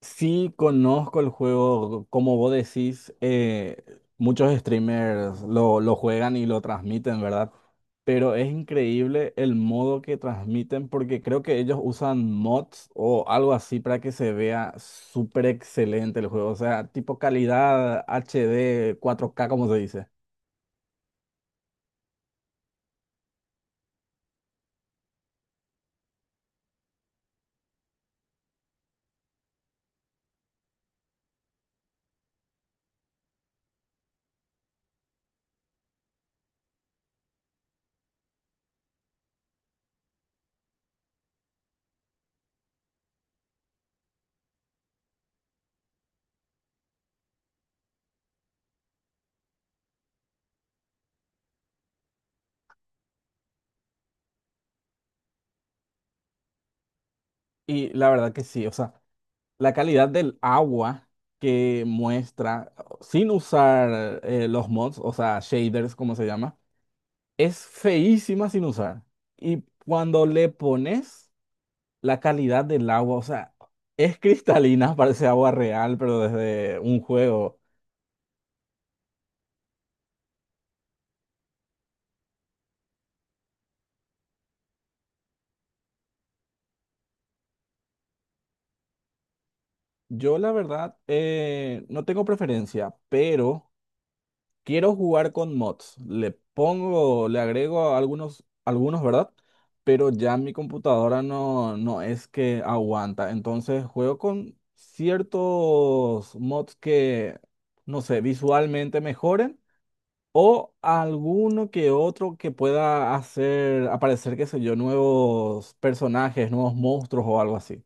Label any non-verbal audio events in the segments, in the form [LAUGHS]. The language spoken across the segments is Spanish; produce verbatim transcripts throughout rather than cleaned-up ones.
Sí, conozco el juego, como vos decís, eh, muchos streamers lo, lo juegan y lo transmiten, ¿verdad? Pero es increíble el modo que transmiten porque creo que ellos usan mods o algo así para que se vea súper excelente el juego, o sea, tipo calidad H D, cuatro k como se dice. Y la verdad que sí, o sea, la calidad del agua que muestra, sin usar eh, los mods, o sea, shaders, como se llama. Es feísima sin usar. Y cuando le pones la calidad del agua, o sea, es cristalina, [LAUGHS] parece agua real, pero desde un juego. Yo la verdad eh, no tengo preferencia, pero quiero jugar con mods. Le pongo, le agrego algunos, algunos, ¿verdad? Pero ya mi computadora no, no es que aguanta. Entonces juego con ciertos mods que, no sé, visualmente mejoren. O alguno que otro que pueda hacer aparecer, qué sé yo, nuevos personajes, nuevos monstruos o algo así.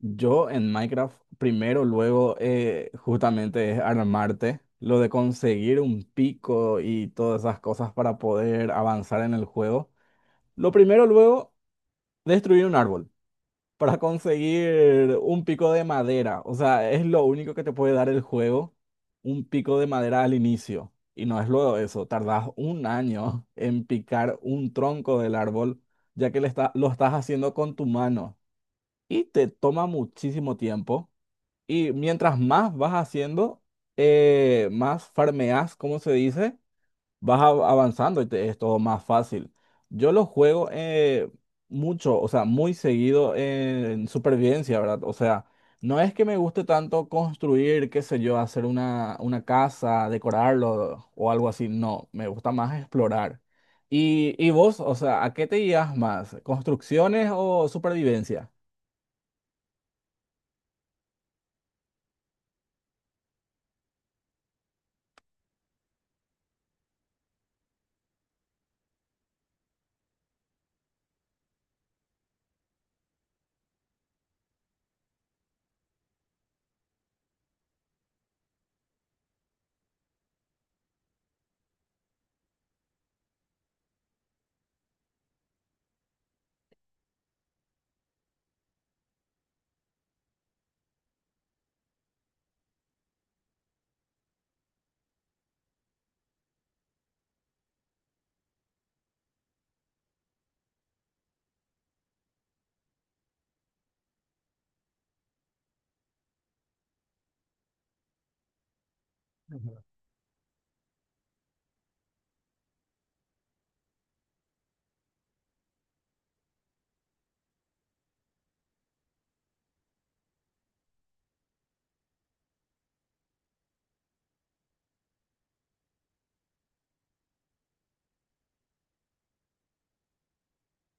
Yo en Minecraft primero, luego eh, justamente es armarte, lo de conseguir un pico y todas esas cosas para poder avanzar en el juego. Lo primero, luego, destruir un árbol, para conseguir un pico de madera. O sea, es lo único que te puede dar el juego, un pico de madera al inicio. Y no es luego eso, tardas un año [LAUGHS] en picar un tronco del árbol, ya que le está- lo estás haciendo con tu mano. Y te toma muchísimo tiempo. Y mientras más vas haciendo, eh, más farmeas, como se dice, vas av- avanzando y te es todo más fácil. Yo lo juego eh, mucho, o sea, muy seguido en supervivencia, ¿verdad? O sea, no es que me guste tanto construir, qué sé yo, hacer una, una casa, decorarlo o algo así, no, me gusta más explorar. Y, y vos, o sea, ¿a qué te guías más? ¿Construcciones o supervivencia?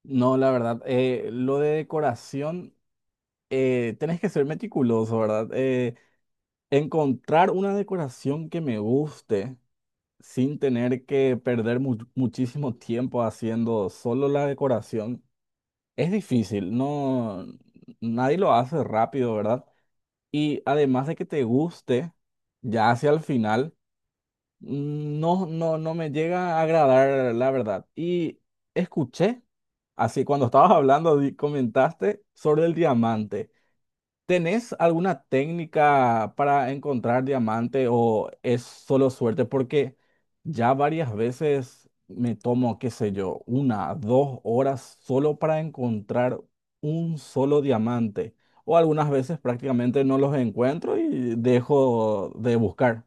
No, la verdad, eh, lo de decoración, eh, tenés que ser meticuloso, ¿verdad? Eh, Encontrar una decoración que me guste sin tener que perder mu- muchísimo tiempo haciendo solo la decoración es difícil, no, nadie lo hace rápido, ¿verdad? Y además de que te guste, ya hacia el final, no, no, no me llega a agradar, la verdad. Y escuché, así cuando estabas hablando, di- comentaste sobre el diamante. ¿Tenés alguna técnica para encontrar diamante o es solo suerte? Porque ya varias veces me tomo, qué sé yo, una, dos horas solo para encontrar un solo diamante. O algunas veces prácticamente no los encuentro y dejo de buscar.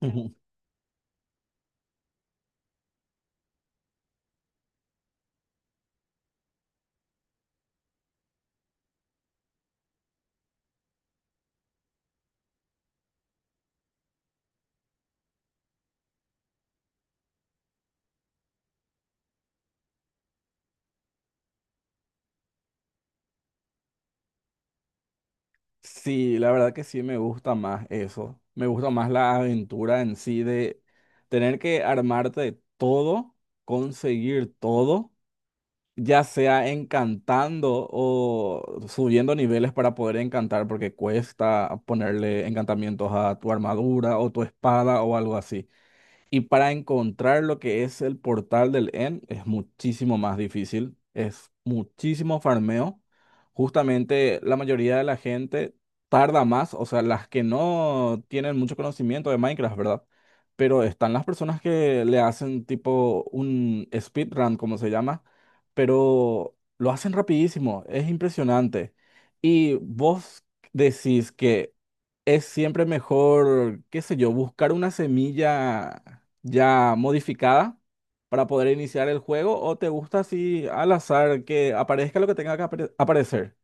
Ujú. Sí, la verdad que sí me gusta más eso. Me gusta más la aventura en sí de tener que armarte todo, conseguir todo, ya sea encantando o subiendo niveles para poder encantar, porque cuesta ponerle encantamientos a tu armadura o tu espada o algo así. Y para encontrar lo que es el portal del end es muchísimo más difícil, es muchísimo farmeo. Justamente la mayoría de la gente tarda más, o sea, las que no tienen mucho conocimiento de Minecraft, ¿verdad? Pero están las personas que le hacen tipo un speedrun, como se llama, pero lo hacen rapidísimo, es impresionante. Y vos decís que es siempre mejor, qué sé yo, buscar una semilla ya modificada para poder iniciar el juego, o te gusta así al azar que aparezca lo que tenga que apare- aparecer?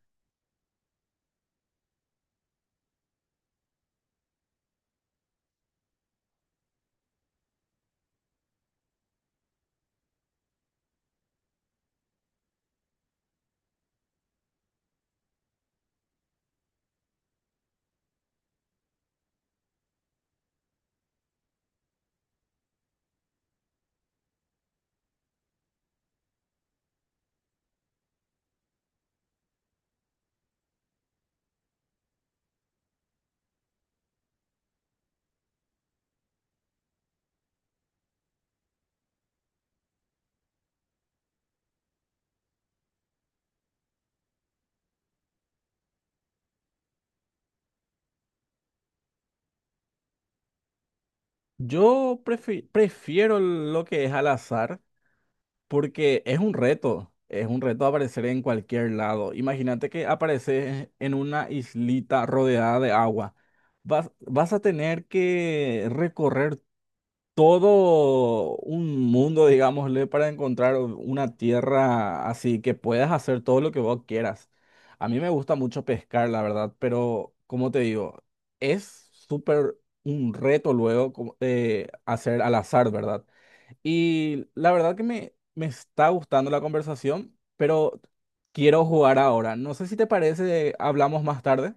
Yo prefi- prefiero lo que es al azar porque es un reto, es un reto aparecer en cualquier lado. Imagínate que apareces en una islita rodeada de agua. Vas, vas a tener que recorrer todo un mundo, digámosle, para encontrar una tierra así que puedas hacer todo lo que vos quieras. A mí me gusta mucho pescar, la verdad, pero como te digo, es súper un reto luego como, eh, hacer al azar, ¿verdad? Y la verdad que me, me está gustando la conversación, pero quiero jugar ahora. No sé si te parece, hablamos más tarde.